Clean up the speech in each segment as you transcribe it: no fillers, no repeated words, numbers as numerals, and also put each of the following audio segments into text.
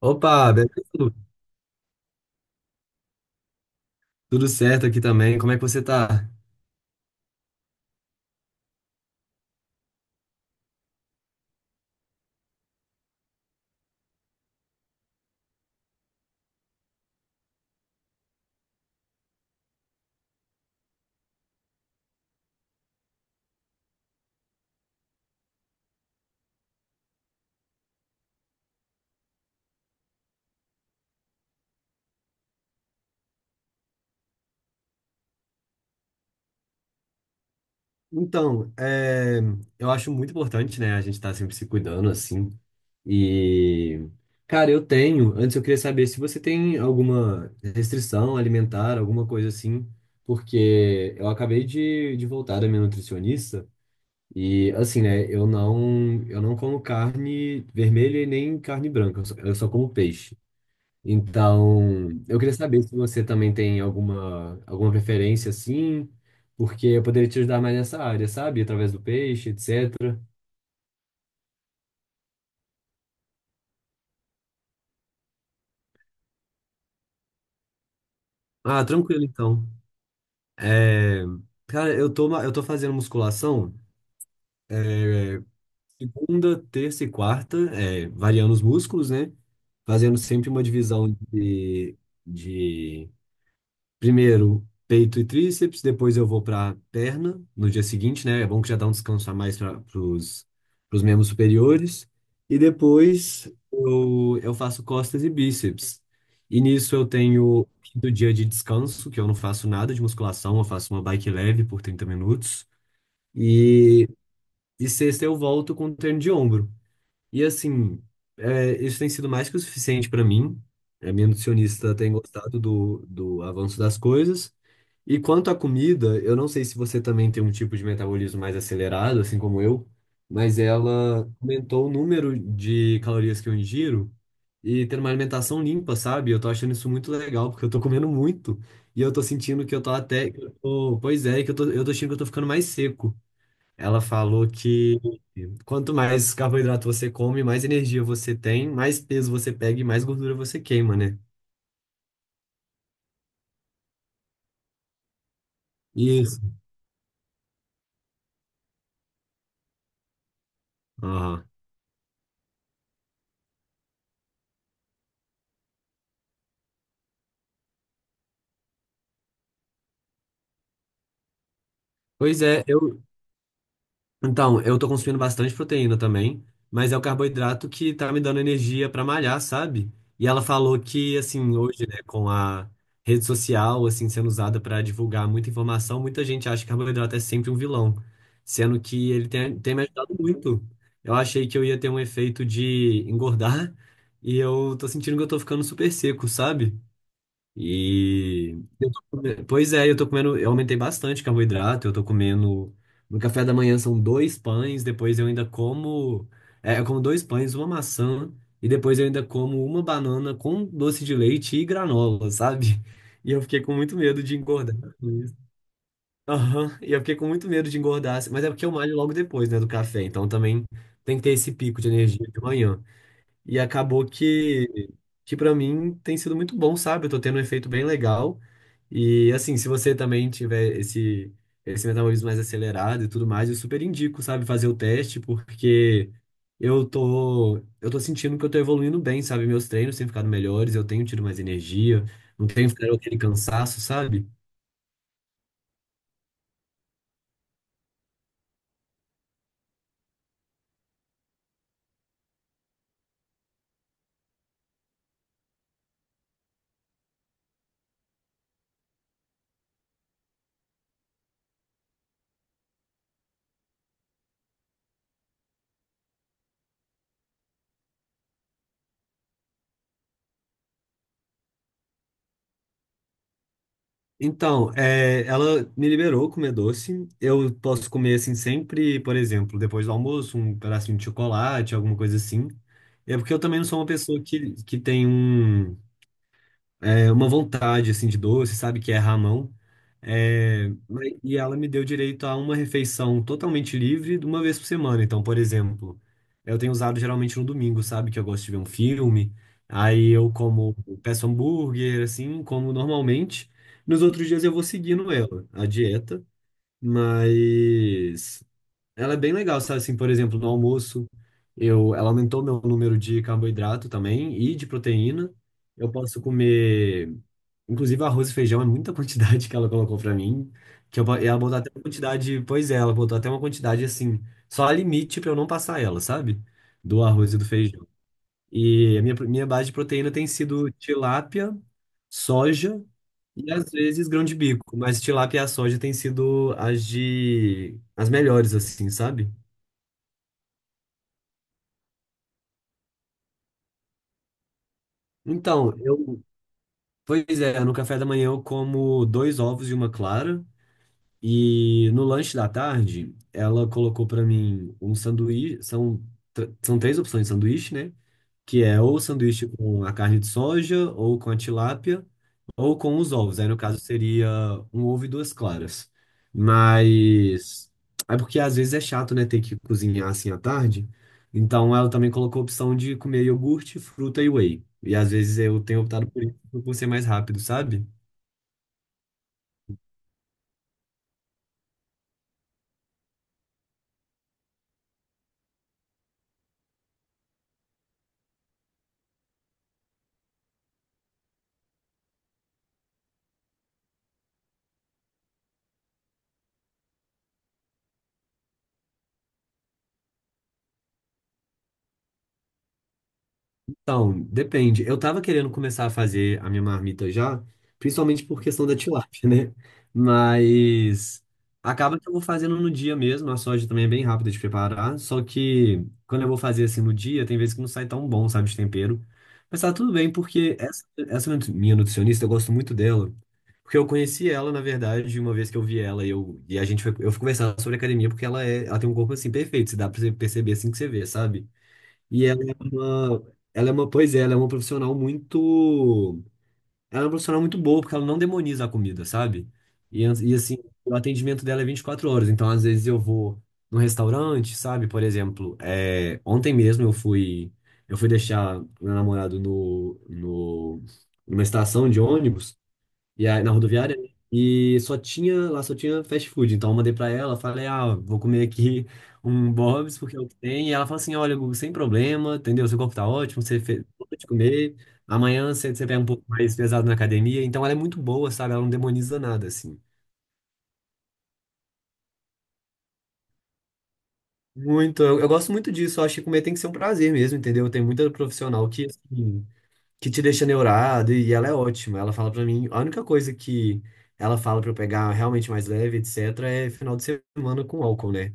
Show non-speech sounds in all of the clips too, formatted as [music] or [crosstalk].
Opa, beleza? Tudo certo aqui também. Como é que você tá? Então, eu acho muito importante, né, a gente estar sempre se cuidando assim. E, cara, eu tenho. Antes eu queria saber se você tem alguma restrição alimentar, alguma coisa assim, porque eu acabei de voltar da minha nutricionista e, assim, né, eu não como carne vermelha e nem carne branca, eu só como peixe. Então, eu queria saber se você também tem alguma preferência assim, porque eu poderia te ajudar mais nessa área, sabe? Através do peixe, etc. Ah, tranquilo então. É, Cara, eu tô fazendo musculação segunda, terça e quarta, variando os músculos, né? Fazendo sempre uma divisão de. Primeiro, peito e tríceps, depois eu vou para perna no dia seguinte, né? É bom que já dá um descanso a mais para os membros superiores. E depois eu faço costas e bíceps. E nisso eu tenho do dia de descanso, que eu não faço nada de musculação, eu faço uma bike leve por 30 minutos. E, e sexta eu volto com um treino de ombro. E assim, é, isso tem sido mais que o suficiente para mim. A minha nutricionista tem gostado do avanço das coisas. E quanto à comida, eu não sei se você também tem um tipo de metabolismo mais acelerado, assim como eu, mas ela aumentou o número de calorias que eu ingiro e ter uma alimentação limpa, sabe? Eu tô achando isso muito legal, porque eu tô comendo muito e eu tô sentindo que eu tô até. Que eu tô- pois é, que eu tô achando que eu tô ficando mais seco. Ela falou que quanto mais carboidrato você come, mais energia você tem, mais peso você pega e mais gordura você queima, né? Isso. Aham. Pois é, então, eu tô consumindo bastante proteína também, mas é o carboidrato que tá me dando energia pra malhar, sabe? E ela falou que, assim, hoje, né, com a rede social, assim, sendo usada pra divulgar muita informação, muita gente acha que carboidrato é sempre um vilão, sendo que ele tem me ajudado muito. Eu achei que eu ia ter um efeito de engordar [laughs] e eu tô sentindo que eu tô ficando super seco, sabe? E pois é, eu tô comendo, eu aumentei bastante carboidrato, eu tô comendo no café da manhã são dois pães, depois eu ainda como, eu como dois pães, uma maçã e depois eu ainda como uma banana com doce de leite e granola, sabe? E eu fiquei com muito medo de engordar com isso. Aham. E eu fiquei com muito medo de engordar, mas é porque eu malho logo depois, né, do café, então também tem que ter esse pico de energia de manhã. E acabou que para mim tem sido muito bom, sabe? Eu tô tendo um efeito bem legal. E assim, se você também tiver esse, esse metabolismo mais acelerado e tudo mais, eu super indico, sabe, fazer o teste, porque eu tô sentindo que eu tô evoluindo bem, sabe? Meus treinos têm ficado melhores, eu tenho tido mais energia, não tenho ficado aquele cansaço, sabe? Então, é, ela me liberou comer doce. Eu posso comer assim sempre, por exemplo, depois do almoço, um pedacinho de chocolate, alguma coisa assim. É porque eu também não sou uma pessoa que tem uma vontade assim de doce, sabe, que é ramão. E ela me deu direito a uma refeição totalmente livre de uma vez por semana. Então, por exemplo, eu tenho usado geralmente no domingo, sabe, que eu gosto de ver um filme. Aí eu como, peço hambúrguer, assim, como normalmente. Nos outros dias eu vou seguindo ela, a dieta, mas ela é bem legal, sabe? Assim, por exemplo, no almoço, ela aumentou meu número de carboidrato também e de proteína. Eu posso comer. Inclusive, arroz e feijão é muita quantidade que ela colocou pra mim. Ela botou até uma quantidade. Pois é, ela botou até uma quantidade assim. Só a limite pra eu não passar ela, sabe? Do arroz e do feijão. E a minha base de proteína tem sido tilápia, soja e às vezes grão de bico. Mas tilápia e a soja têm sido as de. As melhores, assim, sabe? Então, eu. Pois é, no café da manhã eu como dois ovos e uma clara. E no lanche da tarde, ela colocou pra mim um sanduíche. São três opções de sanduíche, né? Que é ou sanduíche com a carne de soja, ou com a tilápia, ou com os ovos. Aí, no caso, seria um ovo e duas claras. Mas. É porque às vezes é chato, né? Ter que cozinhar assim à tarde. Então, ela também colocou a opção de comer iogurte, fruta e whey. E às vezes eu tenho optado por isso por ser mais rápido, sabe? Então, depende. Eu tava querendo começar a fazer a minha marmita já, principalmente por questão da tilápia, [laughs] né? Mas acaba que eu vou fazendo no dia mesmo. A soja também é bem rápida de preparar. Só que quando eu vou fazer assim no dia, tem vezes que não sai tão bom, sabe, de tempero. Mas tá tudo bem, porque essa minha nutricionista, eu gosto muito dela. Porque eu conheci ela, na verdade, uma vez que eu vi ela e, e a gente foi, eu fui conversar sobre academia, porque ela, é, ela tem um corpo assim perfeito. Se dá pra você perceber assim que você vê, sabe? E ela é uma, pois é, ela é uma profissional muito, ela é uma profissional muito boa, porque ela não demoniza a comida, sabe? E assim, o atendimento dela é 24 horas, então às vezes eu vou num restaurante, sabe? Por exemplo, é, ontem mesmo eu fui deixar meu namorado no, no, numa estação de ônibus, e aí, na rodoviária, né? E só tinha, lá só tinha fast food. Então eu mandei pra ela, falei, ah, vou comer aqui [laughs] um Bob's, porque é o que tem. E ela falou assim, olha, Gugu, sem problema, entendeu? Seu corpo tá ótimo, você fez de comer. Amanhã você pega um pouco mais pesado na academia. Então ela é muito boa, sabe? Ela não demoniza nada, assim. Muito, eu gosto muito disso. Eu acho que comer tem que ser um prazer mesmo, entendeu? Tem muita profissional que, assim, que te deixa neurado e ela é ótima. Ela fala pra mim, a única coisa que ela fala pra eu pegar realmente mais leve, etc, é final de semana com álcool, né?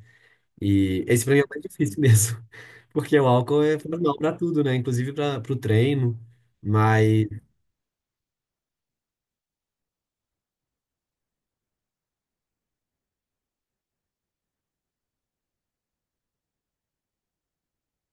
E esse pra mim é o mais difícil [laughs] mesmo, porque o álcool faz mal pra tudo, né? Inclusive para pro treino.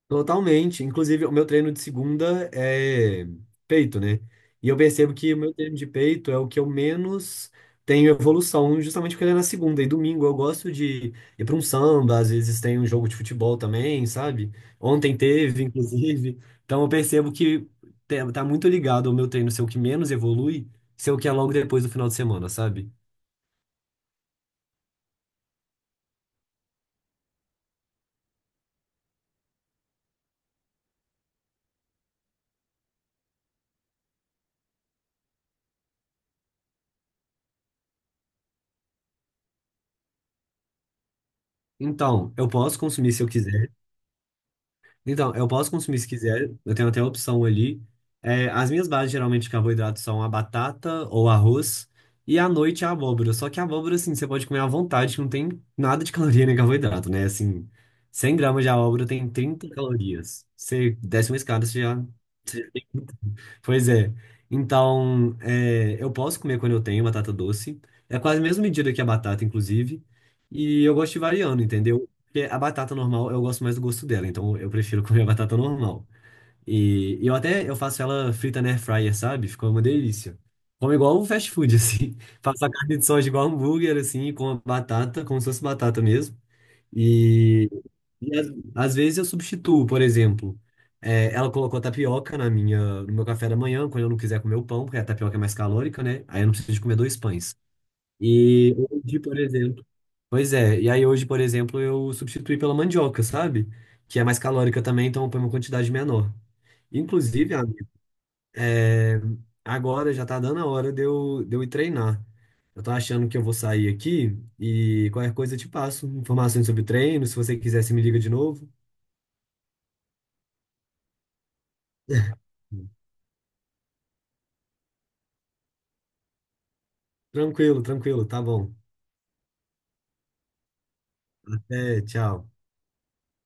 Totalmente. Inclusive, o meu treino de segunda é peito, né? E eu percebo que o meu treino de peito é o que eu menos tenho evolução, justamente porque ele é na segunda. E domingo eu gosto de ir para um samba, às vezes tem um jogo de futebol também, sabe? Ontem teve, inclusive. Então eu percebo que tá muito ligado ao meu treino ser o que menos evolui, ser o que é logo depois do final de semana, sabe? Então, eu posso consumir se eu quiser. Então, eu posso consumir se quiser, eu tenho até a opção ali. É, as minhas bases geralmente de carboidrato são a batata ou arroz, e à noite a abóbora. Só que a abóbora, assim, você pode comer à vontade, que não tem nada de caloria nem carboidrato, né? Assim, 100 gramas de abóbora tem 30 calorias. Você desce uma escada, você já. Pois é. Então, é, eu posso comer quando eu tenho batata doce. É quase a mesma medida que a batata, inclusive. E eu gosto de ir variando, entendeu? Porque a batata normal, eu gosto mais do gosto dela. Então, eu prefiro [laughs] comer a batata normal. E eu até eu faço ela frita na air fryer, sabe? Fica uma delícia. Como igual o fast food, [laughs] assim. Faço a carne de soja igual hambúrguer, assim, com a batata, como se fosse batata mesmo. E às, às vezes eu substituo, por exemplo, é, ela colocou tapioca na minha, no meu café da manhã, quando eu não quiser comer o pão, porque a tapioca é mais calórica, né? Aí eu não preciso de comer dois pães. E hoje, por exemplo. Pois é, e aí hoje, por exemplo, eu substituí pela mandioca, sabe? Que é mais calórica também, então eu ponho uma quantidade menor. Inclusive, amigo, é, agora já tá dando a hora de eu ir treinar. Eu tô achando que eu vou sair aqui e qualquer coisa eu te passo informações sobre treino, se você quiser, você me liga de novo. Tranquilo, tranquilo, tá bom. Até, tchau.